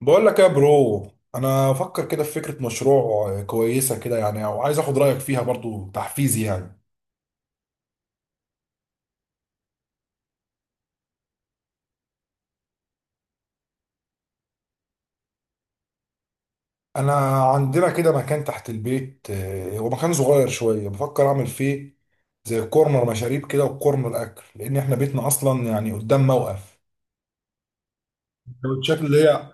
بقول لك إيه يا برو. انا افكر كده في فكره مشروع كويسه كده، يعني، وعايز اخد رايك فيها برضو تحفيزي يعني. انا عندنا كده مكان تحت البيت، هو مكان صغير شويه بفكر اعمل فيه زي كورنر مشاريب كده وكورنر اكل، لان احنا بيتنا اصلا يعني قدام موقف. السندوتشات اللي هي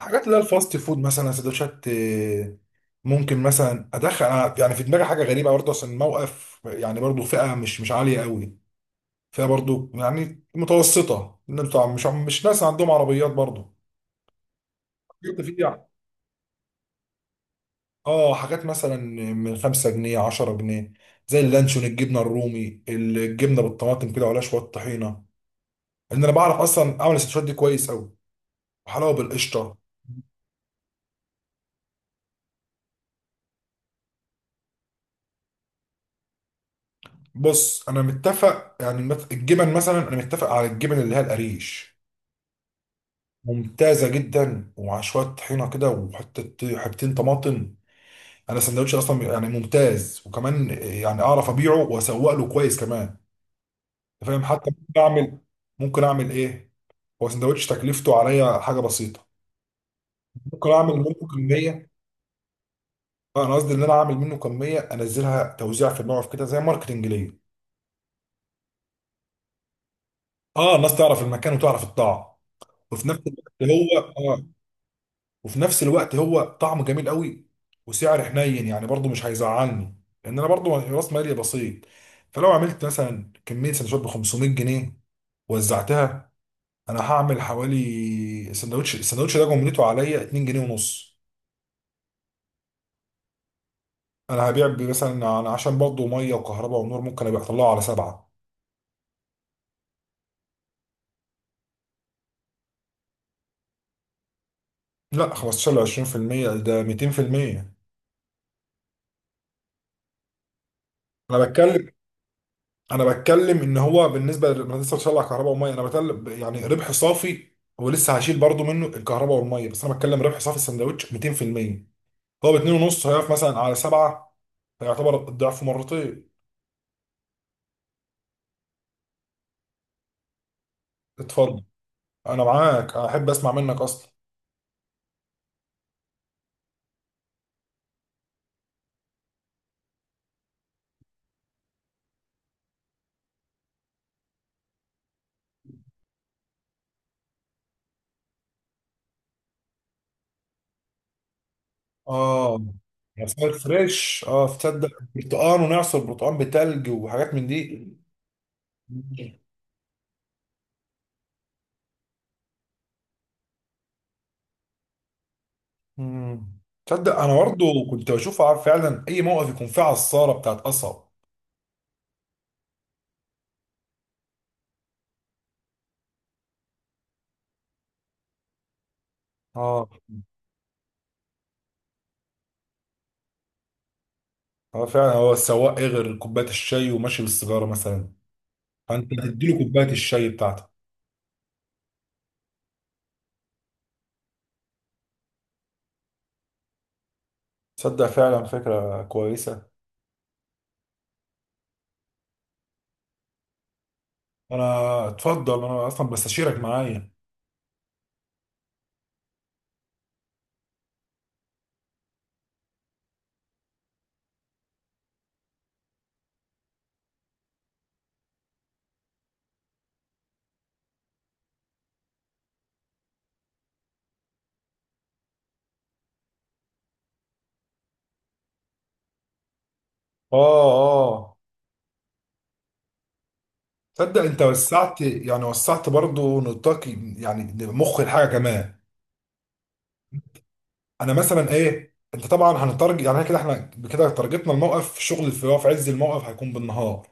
حاجات اللي هي الفاست فود، مثلا سندوتشات، ممكن مثلا ادخل أنا، يعني في دماغي حاجه غريبه برضه، عشان الموقف يعني برضه فئه مش عاليه قوي، فيها برضو يعني متوسطة، إن بتوع مش ناس عندهم عربيات برضو. جبت فيها اه حاجات مثلا من 5 جنيه 10 جنيه، زي اللانشون، الجبنة الرومي، الجبنة بالطماطم كده وعليها شوية طحينة. ان انا بعرف اصلا اعمل السندوتشات دي كويس قوي، وحلاوة بالقشطة. بص، انا متفق يعني الجبن مثلا، انا متفق على الجبن اللي هي القريش، ممتازة جدا، ومع شوية طحينة كده وحتة حبتين طماطم. انا السندوتش اصلا يعني ممتاز، وكمان يعني اعرف ابيعه واسوق له كويس كمان. انت فاهم؟ حتى ممكن اعمل ايه، هو سندوتش تكلفته عليا حاجه بسيطه، ممكن اعمل منه كميه. اه، انا قصدي ان انا اعمل منه كميه انزلها توزيع في الموقف كده، زي ماركتنج ليا. اه، الناس تعرف المكان وتعرف الطعم. وفي نفس الوقت هو آه، وفي نفس الوقت هو طعمه جميل قوي، وسعر حنين يعني برضو مش هيزعلني، لان انا برضو راس مالي بسيط. فلو عملت مثلا كميه سندوتشات ب 500 جنيه وزعتها، انا هعمل حوالي سندوتش، السندوتش ده جملته عليا 2 جنيه ونص. انا هبيع مثلا، انا عشان برضو ميه وكهرباء ونور ممكن ابقى اطلعه على 7. لا، 15 ل 20%، ده 200%. انا بتكلم انا بتكلم ان هو بالنسبه انا لسه بشغل على كهرباء وميه، انا بتكلم يعني ربح صافي. هو لسه هشيل برضو منه الكهرباء والميه، بس انا بتكلم ربح صافي، السندوتش 200%، هو ب 2 ونص هيقف مثلا على 7، فيعتبر الضعف مرتين. اتفضل. انا معاك، احب اسمع منك اصلا. اه يا فطار فريش، تصدق برتقان ونعصر برتقان بتلج وحاجات من دي. مم. تصدق انا برضو كنت بشوف فعلا اي موقف يكون فيه عصاره بتاعت قصب. اه، اه، فعلا هو السواق ايه غير كوبايه الشاي وماشي بالسيجاره مثلا؟ فانت تديله كوبايه الشاي بتاعتك. تصدق فعلا فكره كويسه. انا اتفضل، انا اصلا بستشيرك معايا. اه، اه، تصدق انت وسعت يعني وسعت برضو نطاق، يعني مخ الحاجه كمان. انا مثلا ايه، انت طبعا هنترج يعني كده احنا كده ترجتنا الموقف، الشغل اللي في عز الموقف هيكون بالنهار،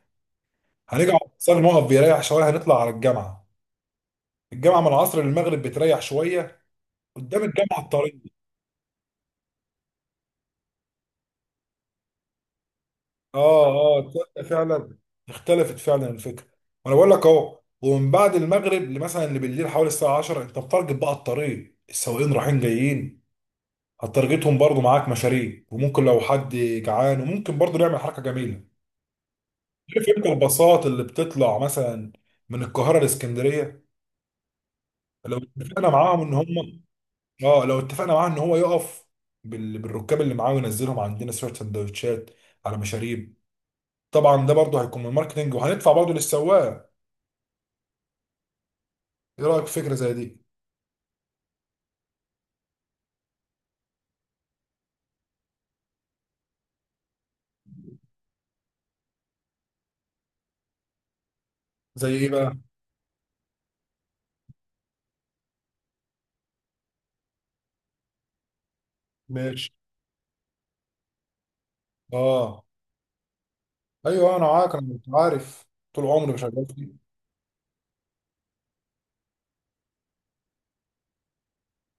هنرجع صار الموقف بيريح شويه هنطلع على الجامعه، الجامعه من العصر للمغرب بتريح شويه، قدام الجامعه الطريق. اه، اه، تصدق فعلا اختلفت فعلا الفكره. وانا بقول لك اهو، ومن بعد المغرب لمثلا لبالليل حوالي الساعه 10، انت بتارجت بقى الطريق السواقين رايحين جايين، هتارجتهم برضو معاك مشاريع، وممكن لو حد جعان وممكن برضو نعمل حركه جميله. عارف انت الباصات اللي بتطلع مثلا من القاهره لاسكندريه، لو اتفقنا معاهم ان هم اه لو اتفقنا معاه ان هو يقف بالركاب اللي معاه، وينزلهم عندنا شويه سندوتشات على مشاريب. طبعا ده برضو هيكون من الماركتنج، وهندفع برضو للسواق. ايه رايك في فكره زي دي؟ زي ايه بقى؟ ماشي. اه. ايوه، انا معاك، انا كنت عارف. طول عمري شغال فيه.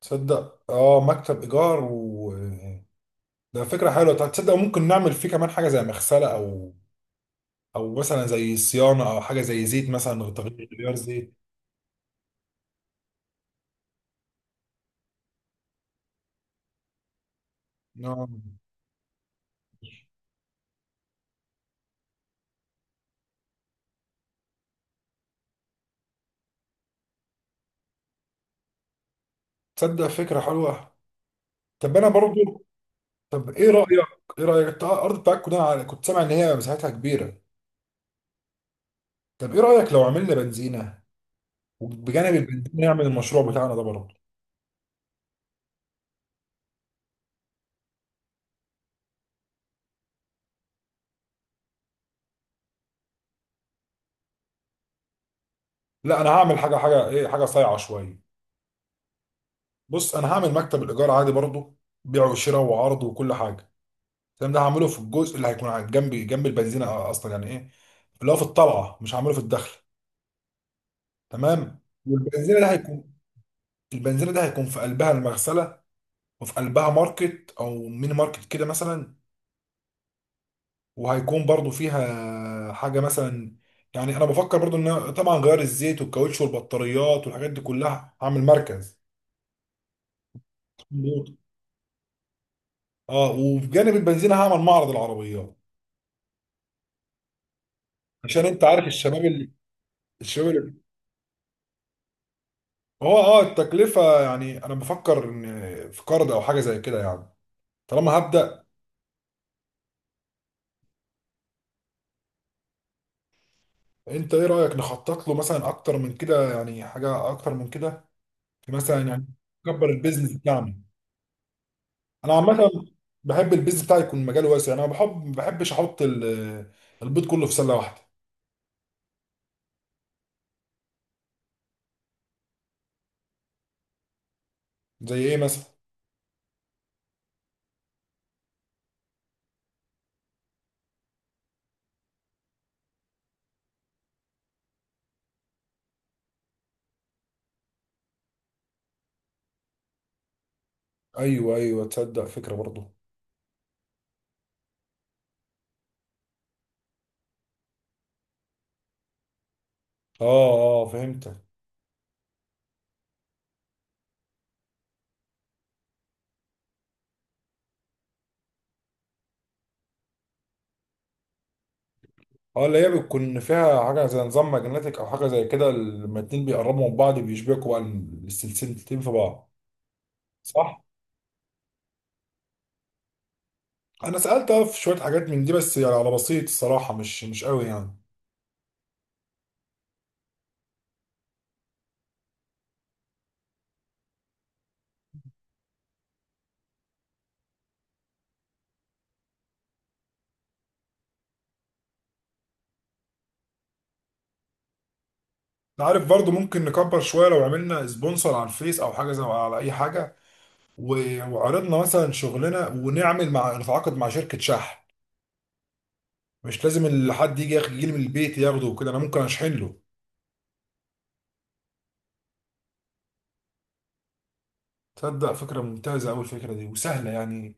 تصدق اه مكتب ايجار و ده فكره حلوه، طب تصدق ممكن نعمل فيه كمان حاجه زي مغسله، او مثلا زي صيانه او حاجه زي زيت مثلا، تغيير غيار زيت. آه. تصدق فكره حلوه. طب انا برضو، طب ايه رايك انت الارض بتاعتكم ده كنت سامع ان هي مساحتها كبيره. طب ايه رايك لو عملنا بنزينه، وبجانب البنزينه نعمل المشروع بتاعنا ده برضه. لا، انا هعمل حاجه، حاجه ايه، حاجه صايعه شويه. بص، انا هعمل مكتب الايجار عادي برضه، بيع وشراء وعرض وكل حاجه. الكلام ده هعمله في الجزء اللي هيكون جنب جنب البنزينه اصلا، يعني ايه اللي هو في الطلعه، مش هعمله في الدخل، تمام؟ والبنزينه ده هيكون البنزينه ده هيكون في قلبها المغسله، وفي قلبها ماركت او ميني ماركت كده مثلا. وهيكون برضه فيها حاجه مثلا، يعني انا بفكر برضه ان أنا طبعا غير الزيت والكاوتش والبطاريات والحاجات دي كلها هعمل مركز. اه، وبجانب البنزين هعمل معرض العربيات. عشان انت عارف الشباب اللي الشباب اللي هو التكلفه، يعني انا بفكر ان في قرض او حاجه زي كده يعني، طالما هبدا. انت ايه رايك نخطط له مثلا اكتر من كده، يعني حاجه اكتر من كده، في مثلا يعني، نكبر البيزنس بتاعنا. انا عامه بحب البيزنس بتاعي يكون مجاله واسع، انا ما بحبش احط البيض كله في سله واحده. زي ايه مثلا؟ ايوه، ايوه، تصدق فكره برضه. اه، اه، فهمتك. اه، اللي هي بتكون فيها حاجة زي نظام ماجنتيك أو حاجة زي كده، لما الاتنين بيقربوا من بعض بيشبكوا بقى السلسلتين في بعض. صح؟ أنا سألت، اه، في شوية حاجات من دي، بس يعني على بسيط الصراحة، مش قوي يعني. أنت عارف برضو ممكن نكبر شوية لو عملنا سبونسر على الفيس أو حاجة زي، على أي حاجة، وعرضنا مثلا شغلنا، ونعمل مع نتعاقد مع شركة شحن. مش لازم حد يجي يجي لي من البيت ياخده وكده، أنا ممكن أشحن له. تصدق فكرة ممتازة أوي الفكرة دي، وسهلة يعني،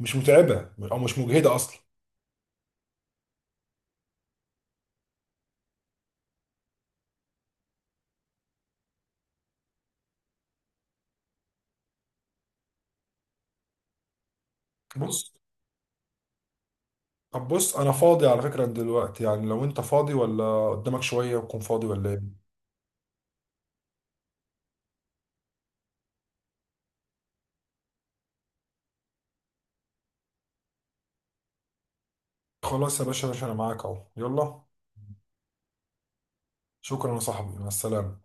مش متعبة أو مش مجهدة أصلا. بص طب بص انا فاضي على فكرة دلوقتي، يعني لو انت فاضي ولا قدامك شوية وتكون فاضي، ولا ايه؟ خلاص يا باشا، يا باشا انا معاك اهو، يلا. شكرا يا صاحبي، مع السلامة.